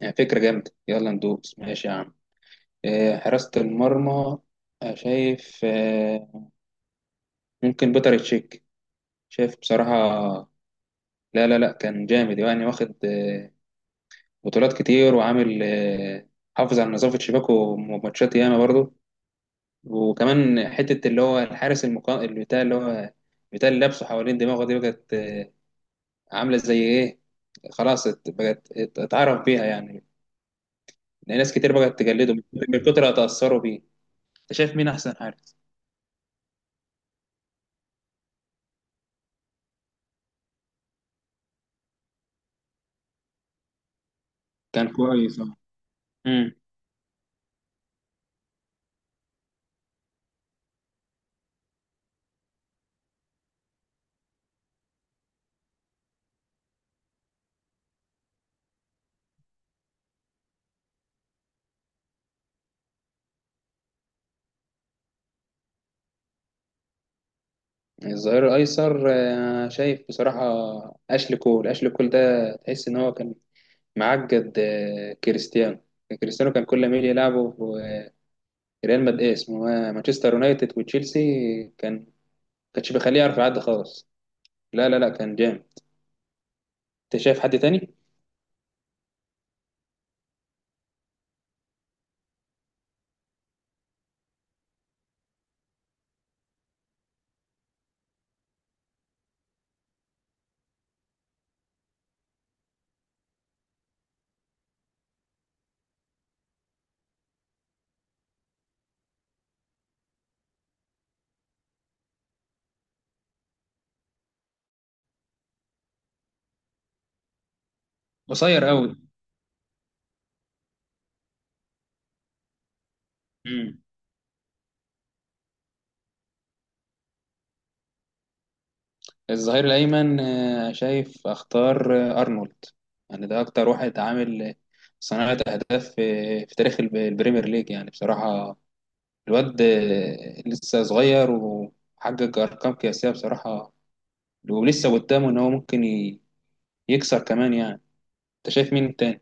يعني فكرة جامدة يلا ندوس ماشي يا عم. حراسة المرمى. شايف، ممكن بيتر تشيك. شايف بصراحة. لا لا لا كان جامد يعني واخد بطولات كتير وعامل حافظ على نظافة شباكه ماتشات ياما برضه. وكمان حتة اللي هو الحارس اللي بتاع اللي هو بتاع اللي لابسه حوالين دماغه دي بقت عاملة زي إيه. خلاص بقت اتعرف بيها يعني. لأن ناس كتير بقت تجلده من كتر ما تأثروا بيه. أنت شايف مين أحسن حارس؟ كان كويس، اه. امم. الظهير الايسر، شايف بصراحه. اشلي كول ده تحس ان هو كان معقد كريستيانو. كريستيانو كان كل ما يجي يلعبه في ريال مدريد اسمه مانشستر يونايتد وتشيلسي. كان كانش بيخليه يعرف يعدي خالص. لا لا لا كان جامد. انت شايف حد تاني؟ قصير قوي. امم. الظهير الايمن، شايف اختار ارنولد. يعني ده اكتر واحد عامل صناعه اهداف في تاريخ البريمير ليج يعني بصراحه. الواد لسه صغير وحقق أرقام قياسية بصراحة. ولسه قدامه إن هو ممكن يكسر كمان يعني. أنت شايف مين تاني؟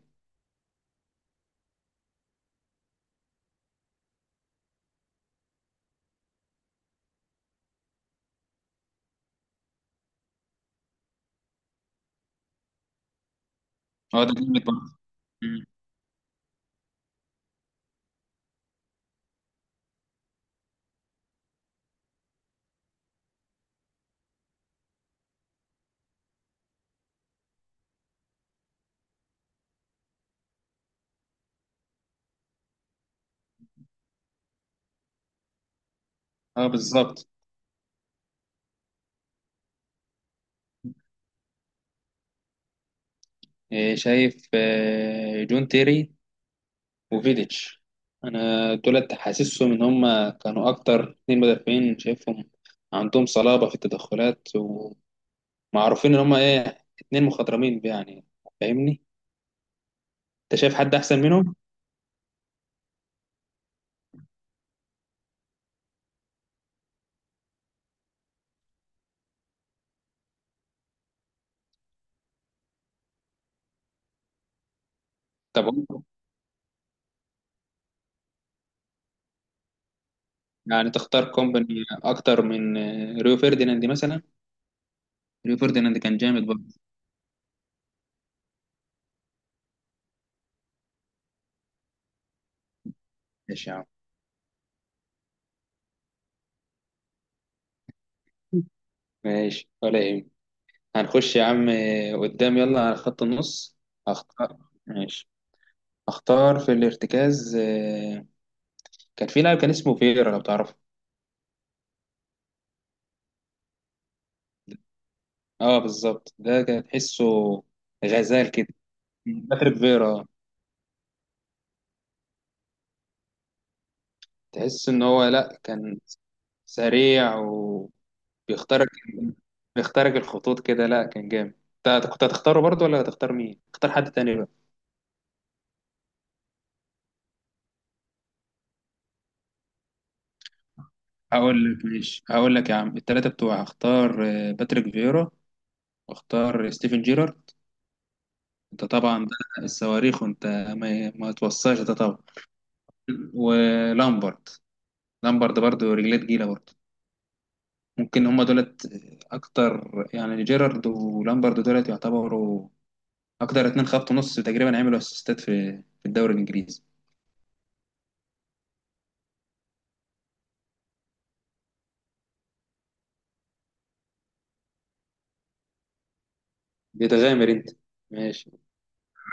اه، ده جامد برضه. مم. اه بالظبط. شايف جون تيري وفيديتش. أنا دولت حاسسهم إن هما كانوا أكتر 2 مدافعين شايفهم عندهم صلابة في التدخلات ومعروفين إن هما إيه 2 مخضرمين يعني. فاهمني؟ أنت شايف حد أحسن منهم؟ طب، يعني تختار كومباني اكتر من ريو فerdinand مثلا؟ ريو فerdinand كان جامد برضه. ماشي يا عم. ماشي ولا ايه. هنخش يا عم قدام يلا على خط النص. هختار ماشي. اختار في الارتكاز، كان في لاعب كان اسمه فيرا لو تعرفه. اه بالظبط ده كان تحسه غزال كده. مغرب فيرا. تحس ان هو لا كان سريع بيختارك بيختارك الخطوط كده، لا كان جامد. انت كنت هتختاره برضه ولا هتختار مين؟ اختار حد تاني بقى. هقول لك ماشي، هقول لك يا عم التلاتة بتوع، اختار باتريك فيرا واختار ستيفن جيرارد. انت طبعا ده الصواريخ وانت ما توصاش ده طبعا. ولامبرد. لامبرد برضه رجليه تقيلة برضه. ممكن هما دولت اكتر يعني، جيرارد ولامبرد دولت يعتبروا اكتر 2 خط نص تقريبا عملوا اسيستات في الدوري الانجليزي. بتغامر انت. ماشي.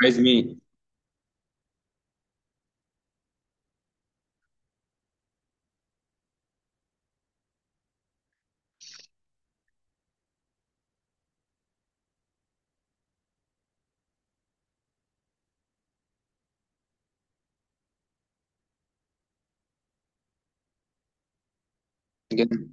عايز مين؟ جدا.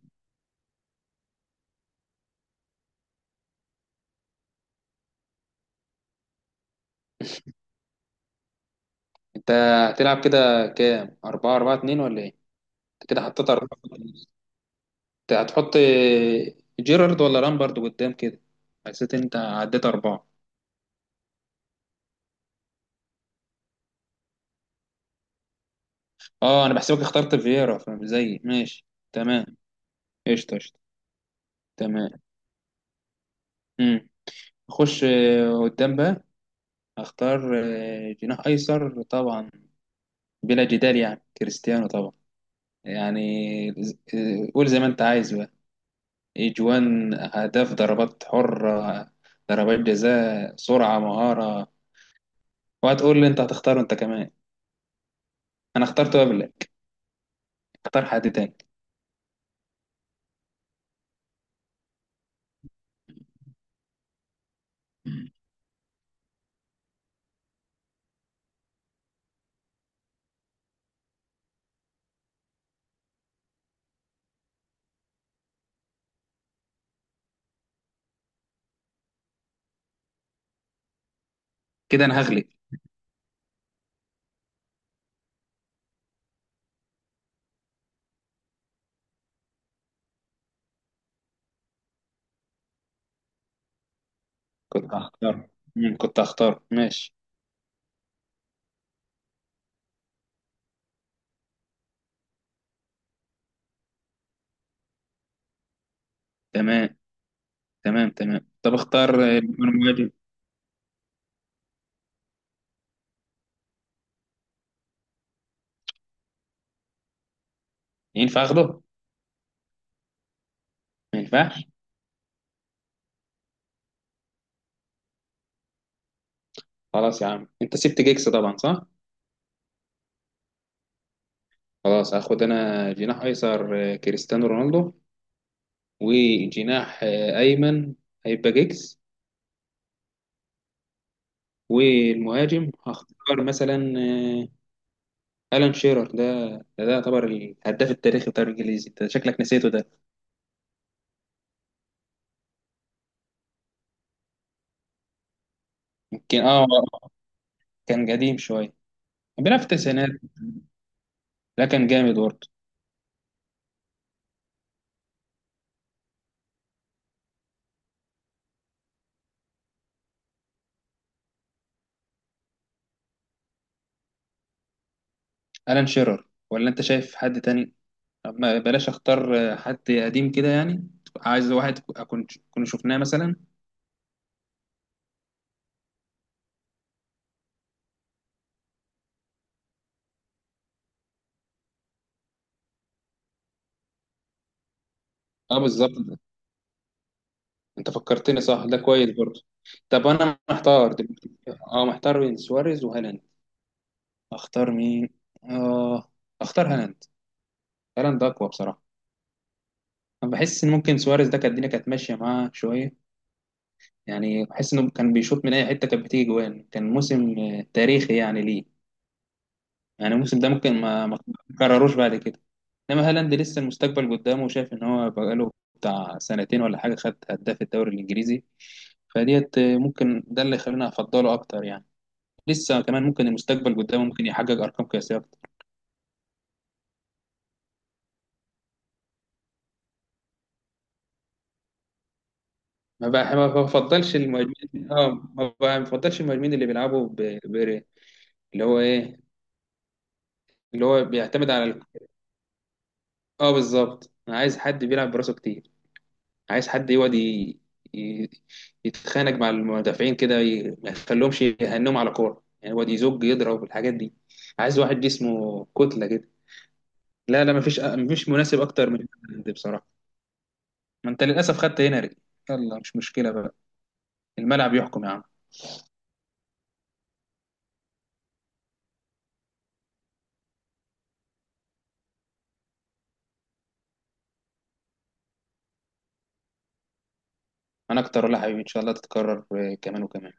انت هتلعب كده كام، 4-4-2، ولا ايه؟ انت كده حطيت 4 في النص. انت هتحط جيرارد ولا لامبرد قدام كده؟ حسيت انت عديت 4. اه، انا بحسبك اخترت فييرا فمش زيي ماشي. تمام. قشطة قشطة. تمام. امم. اخش قدام بقى. اختار جناح ايسر طبعا، بلا جدال يعني كريستيانو طبعا يعني، قول زي ما انت عايز: اجوان، اهداف، ضربات حره، ضربات جزاء، سرعه، مهاره. وهتقول لي انت هتختاره انت كمان؟ انا اخترته قبلك. اختار حد تاني. كده انا هغلب. كنت هختار، كنت هختار ماشي. تمام. تمام تمام. طب اختار بدون مهاجم. ينفع اخده؟ ما ينفعش. خلاص يا عم انت سبت جيكس طبعا، صح؟ خلاص هاخد انا جناح ايسر كريستيانو رونالدو. وجناح ايمن هيبقى جيكس. والمهاجم هختار مثلا الان شيرر ده. ده يعتبر الهداف التاريخي بتاع الانجليزي، انت شكلك نسيته ده. يمكن، اه. كان قديم شويه، كان بيلعب في التسعينات. لا كان جامد برضه. الان شيرر ولا انت شايف حد تاني؟ ما بلاش اختار حد قديم كده يعني. عايز واحد اكون كنا شفناه مثلا. اه بالظبط، انت فكرتني، صح ده كويس برضه. طب انا محتار دلوقتي. اه، محتار بين سواريز وهالاند. اختار مين؟ اه. اختار هالاند. هالاند اقوى بصراحه. انا بحس ان ممكن سواريز ده كانت الدنيا كانت ماشيه معاه شويه. يعني بحس انه كان بيشوط من اي حته كانت بتيجي جوان، كان موسم تاريخي يعني ليه. يعني الموسم ده ممكن ما تكرروش بعد كده. انما هالاند لسه المستقبل قدامه، وشايف ان هو بقاله بتاع سنتين ولا حاجه خد هداف الدوري الانجليزي، فديت ممكن ده اللي يخليني افضله اكتر يعني. لسه كمان ممكن المستقبل قدامه ممكن يحقق ارقام قياسيه اكتر. ما بفضلش المهاجمين، اه. ما بفضلش المهاجمين اللي بيلعبوا ب... اللي هو ايه، اللي هو بيعتمد على اه بالظبط، انا عايز حد بيلعب براسه كتير. عايز حد يقعد ي... يتخانق مع المدافعين كده، ما يخليهمش يهنهم على كوره، يعني يقعد يزج يضرب الحاجات دي. عايز واحد جسمه كتله كده. لا لا مفيش مناسب اكتر من ده بصراحه. ما انت للاسف خدت هنري. يلا مش مشكله بقى. الملعب يحكم يا عم. انا اكتر ولا حبيبي ان شاء الله تتكرر كمان وكمان.